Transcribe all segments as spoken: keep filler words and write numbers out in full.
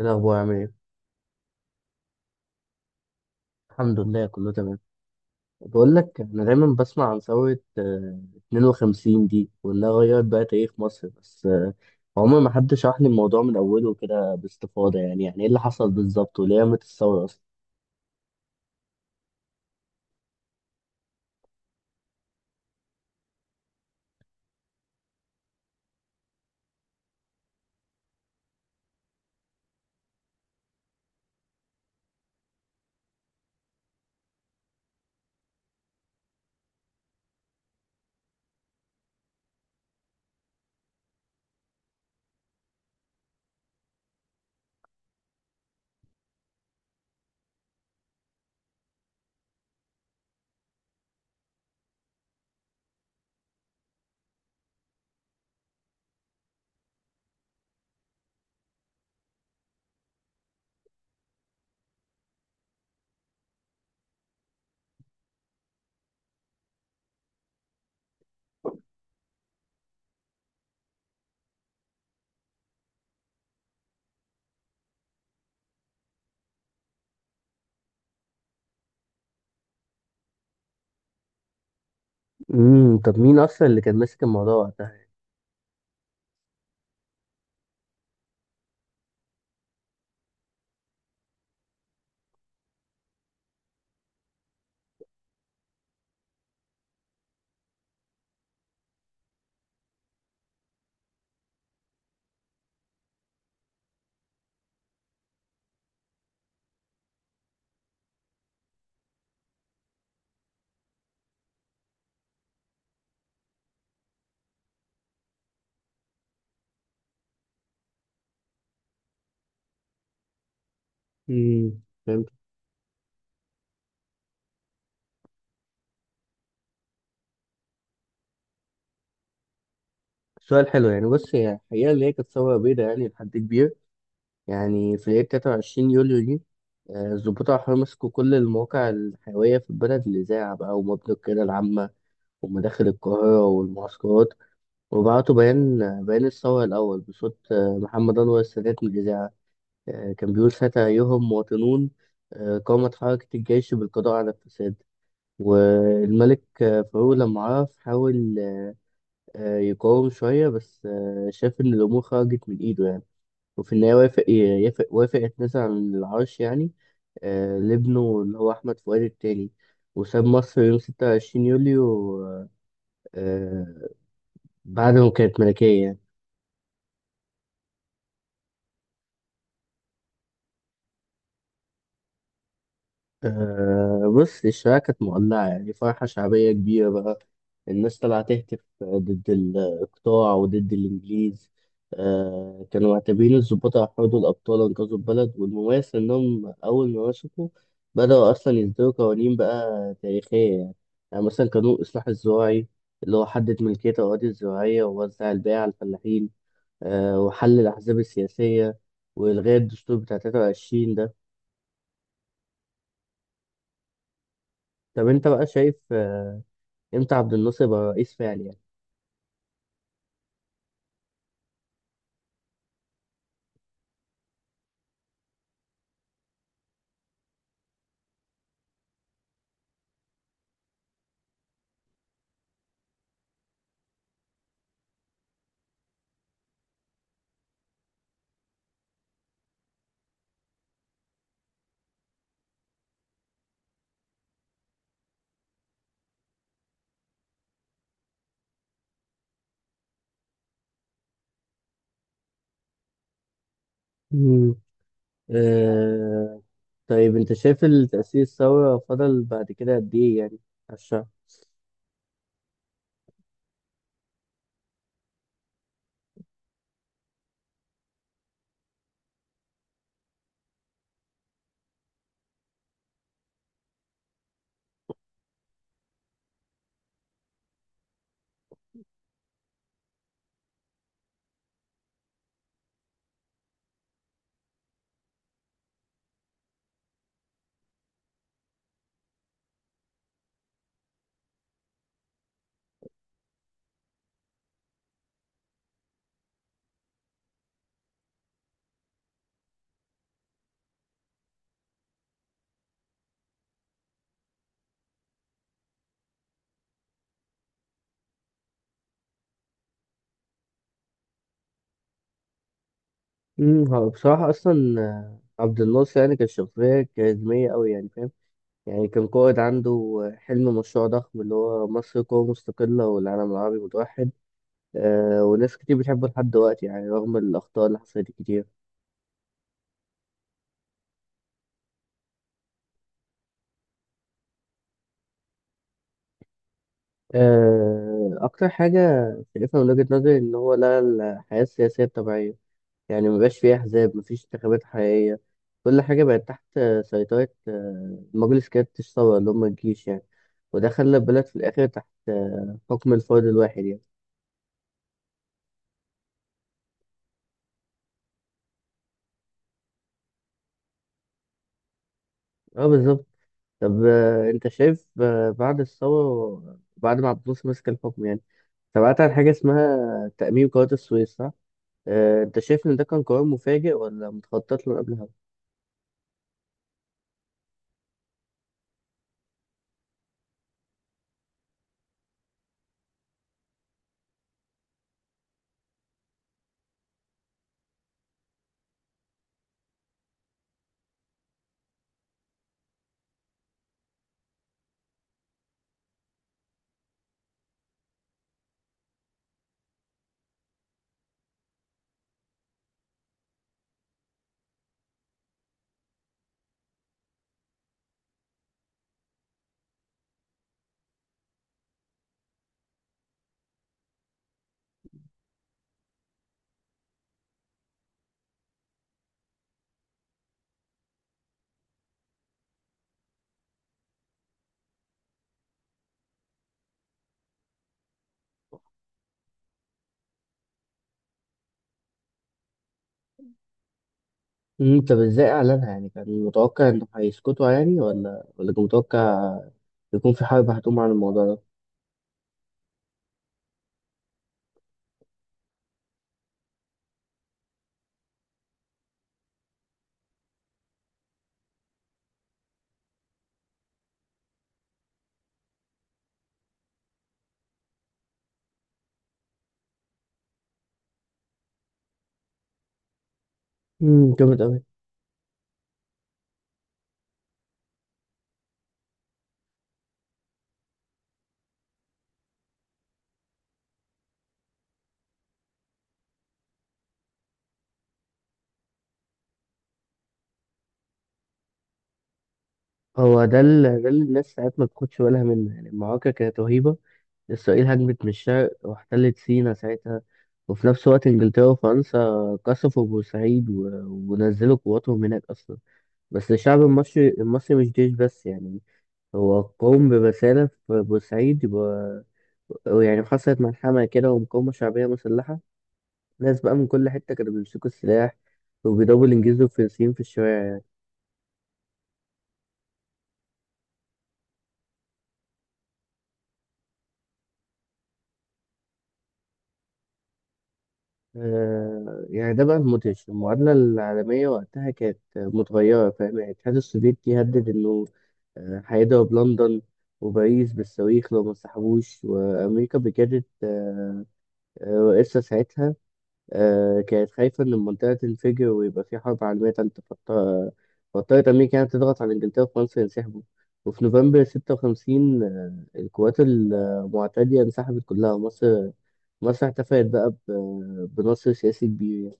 إيه الأخبار عامل إيه؟ الحمد لله كله تمام. بقول لك أنا دايما بسمع عن ثورة آه، اتنين وخمسين دي وإنها غيرت بقى تاريخ مصر، بس آه، عمر ما حد شرح لي الموضوع من أوله كده باستفاضة، يعني يعني إيه اللي حصل بالظبط وليه قامت الثورة أصلا؟ امم طب مين أصلا اللي كان ماسك الموضوع وقتها؟ امم فهمت. سؤال حلو. يعني بص، هي الحقيقة اللي هي كانت ثورة بيضاء يعني لحد كبير. يعني في ليلة تلاتة وعشرين يوليو دي آه، الضباط الأحرار مسكوا كل المواقع الحيوية في البلد، الإذاعة بقى ومبنى القيادة العامة ومداخل القاهرة والمعسكرات، وبعتوا بيان. بيان الثورة الأول بصوت آه، محمد أنور السادات من الإذاعة. آه، كان بيقول ساعتها: أيها المواطنون، آه، قامت حركة الجيش بالقضاء على الفساد. والملك آه، فاروق لما عرف حاول آه، يقاوم شوية، بس آه، شاف إن الأمور خرجت من إيده يعني، وفي النهاية وافق يافق- وافق يتنازل عن العرش يعني، آه، لابنه اللي هو أحمد فؤاد التاني، وساب مصر يوم ستة وعشرين يوليو، آه، بعد ما كانت ملكية يعني. أه، بص، الشوارع كانت مولعة يعني فرحة شعبية كبيرة بقى، الناس طالعة تهتف ضد الإقطاع وضد الإنجليز. أه كانوا معتبرين الضباط هيحرضوا الأبطال أنقذوا البلد. والمميز إنهم أول ما مسكوا بدأوا أصلا يصدروا قوانين بقى تاريخية يعني، يعني مثلا قانون الإصلاح الزراعي اللي هو حدد ملكية الأراضي الزراعية ووزع البيع على الفلاحين. أه وحل الأحزاب السياسية وإلغاء الدستور بتاع تلاتة وعشرين. طب انت بقى شايف آه، امتى عبد الناصر يبقى رئيس فعلي يعني؟ مم. اه، طيب انت شايف التأسيس الثورة فضل بعد كده قد ايه يعني على الشعب؟ امم، هو بصراحة اصلا آه، عبد الناصر يعني كان شخصية كاريزمية أوي يعني، فاهم؟ يعني كان قائد عنده حلم، مشروع ضخم اللي هو مصر قوة مستقلة والعالم العربي متوحد. أه وناس كتير بتحبه لحد دلوقتي يعني، رغم الأخطاء اللي حصلت كتير. أه، أكتر حاجة شايفها من وجهة نظري إن هو لغى الحياة السياسية الطبيعية، يعني مبقاش فيه أحزاب، مفيش انتخابات حقيقية. كل حاجة بقت تحت سيطرة آه، مجلس قيادة الثورة اللي هم الجيش يعني، وده خلى البلد في الآخر تحت آه، حكم الفرد الواحد يعني. اه بالظبط. طب آه، انت شايف آه، بعد الثورة بعد ما عبد الناصر مسك الحكم يعني، سمعت عن حاجة اسمها تأميم قناة السويس، صح؟ آه، انت شايف ان ده كان قرار مفاجئ ولا متخطط له من قبلها؟ امم طب ازاي اعلنها يعني؟ كان متوقع انه هيسكتوا يعني، ولا ولا كان متوقع يكون في حرب هتقوم عن الموضوع ده؟ امم جامد قوي. هو ده اللي ده اللي الناس ساعات ما بتاخدش بالها منه يعني، المعركه كانت رهيبه. اسرائيل هجمت من الشرق واحتلت سينا ساعتها، وفي نفس الوقت انجلترا وفرنسا قصفوا بورسعيد و... ونزلوا قواتهم هناك اصلا. بس الشعب المصري المصري مش جيش بس يعني، هو قوم برساله في بورسعيد يبقى. يعني حصلت ملحمه كده ومقاومه شعبيه مسلحه، ناس بقى من كل حته كانوا بيمسكوا السلاح وبيضربوا الانجليز والفرنسيين في الشوارع. آه، يعني ده بقى المدهش، المعادلة العالمية وقتها كانت متغيرة، فاهم يعني. الاتحاد السوفيتي هدد إنه آه، هيضرب لندن وباريس بالصواريخ لو ما انسحبوش. وأمريكا بجدت، آه، آه، رئيسها ساعتها آه، كانت خايفة إن المنطقة تنفجر ويبقى في حرب عالمية تالتة، فاضطر- فاضطرت أمريكا يعني تضغط على إنجلترا وفرنسا ينسحبوا. وفي نوفمبر ستة وخمسين آه، القوات المعتدية انسحبت كلها، ومصر مصر احتفلت بقى ب- بنصر سياسي كبير.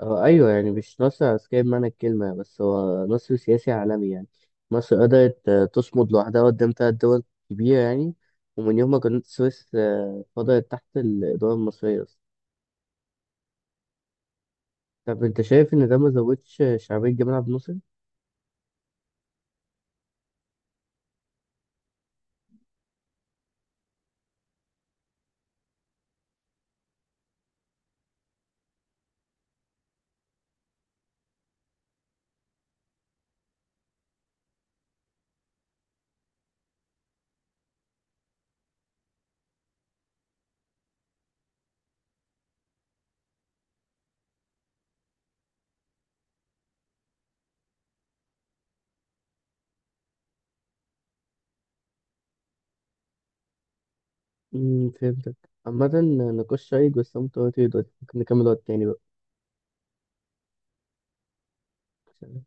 آه، أيوه يعني مش نصر عسكري بمعنى الكلمة، بس هو نصر سياسي عالمي يعني. مصر قدرت آه، تصمد لوحدها قدام تلات دول كبيرة يعني، ومن يوم ما كانت السويس آه، فضلت تحت الإدارة المصرية أصلا. طب أنت شايف إن ده ما زودش شعبية جمال عبد الناصر؟ امم فهمتك. عامة نقاش شيق، بس أنا مضطر أطير دلوقتي، ممكن نكمل وقت تاني بقى. سلام.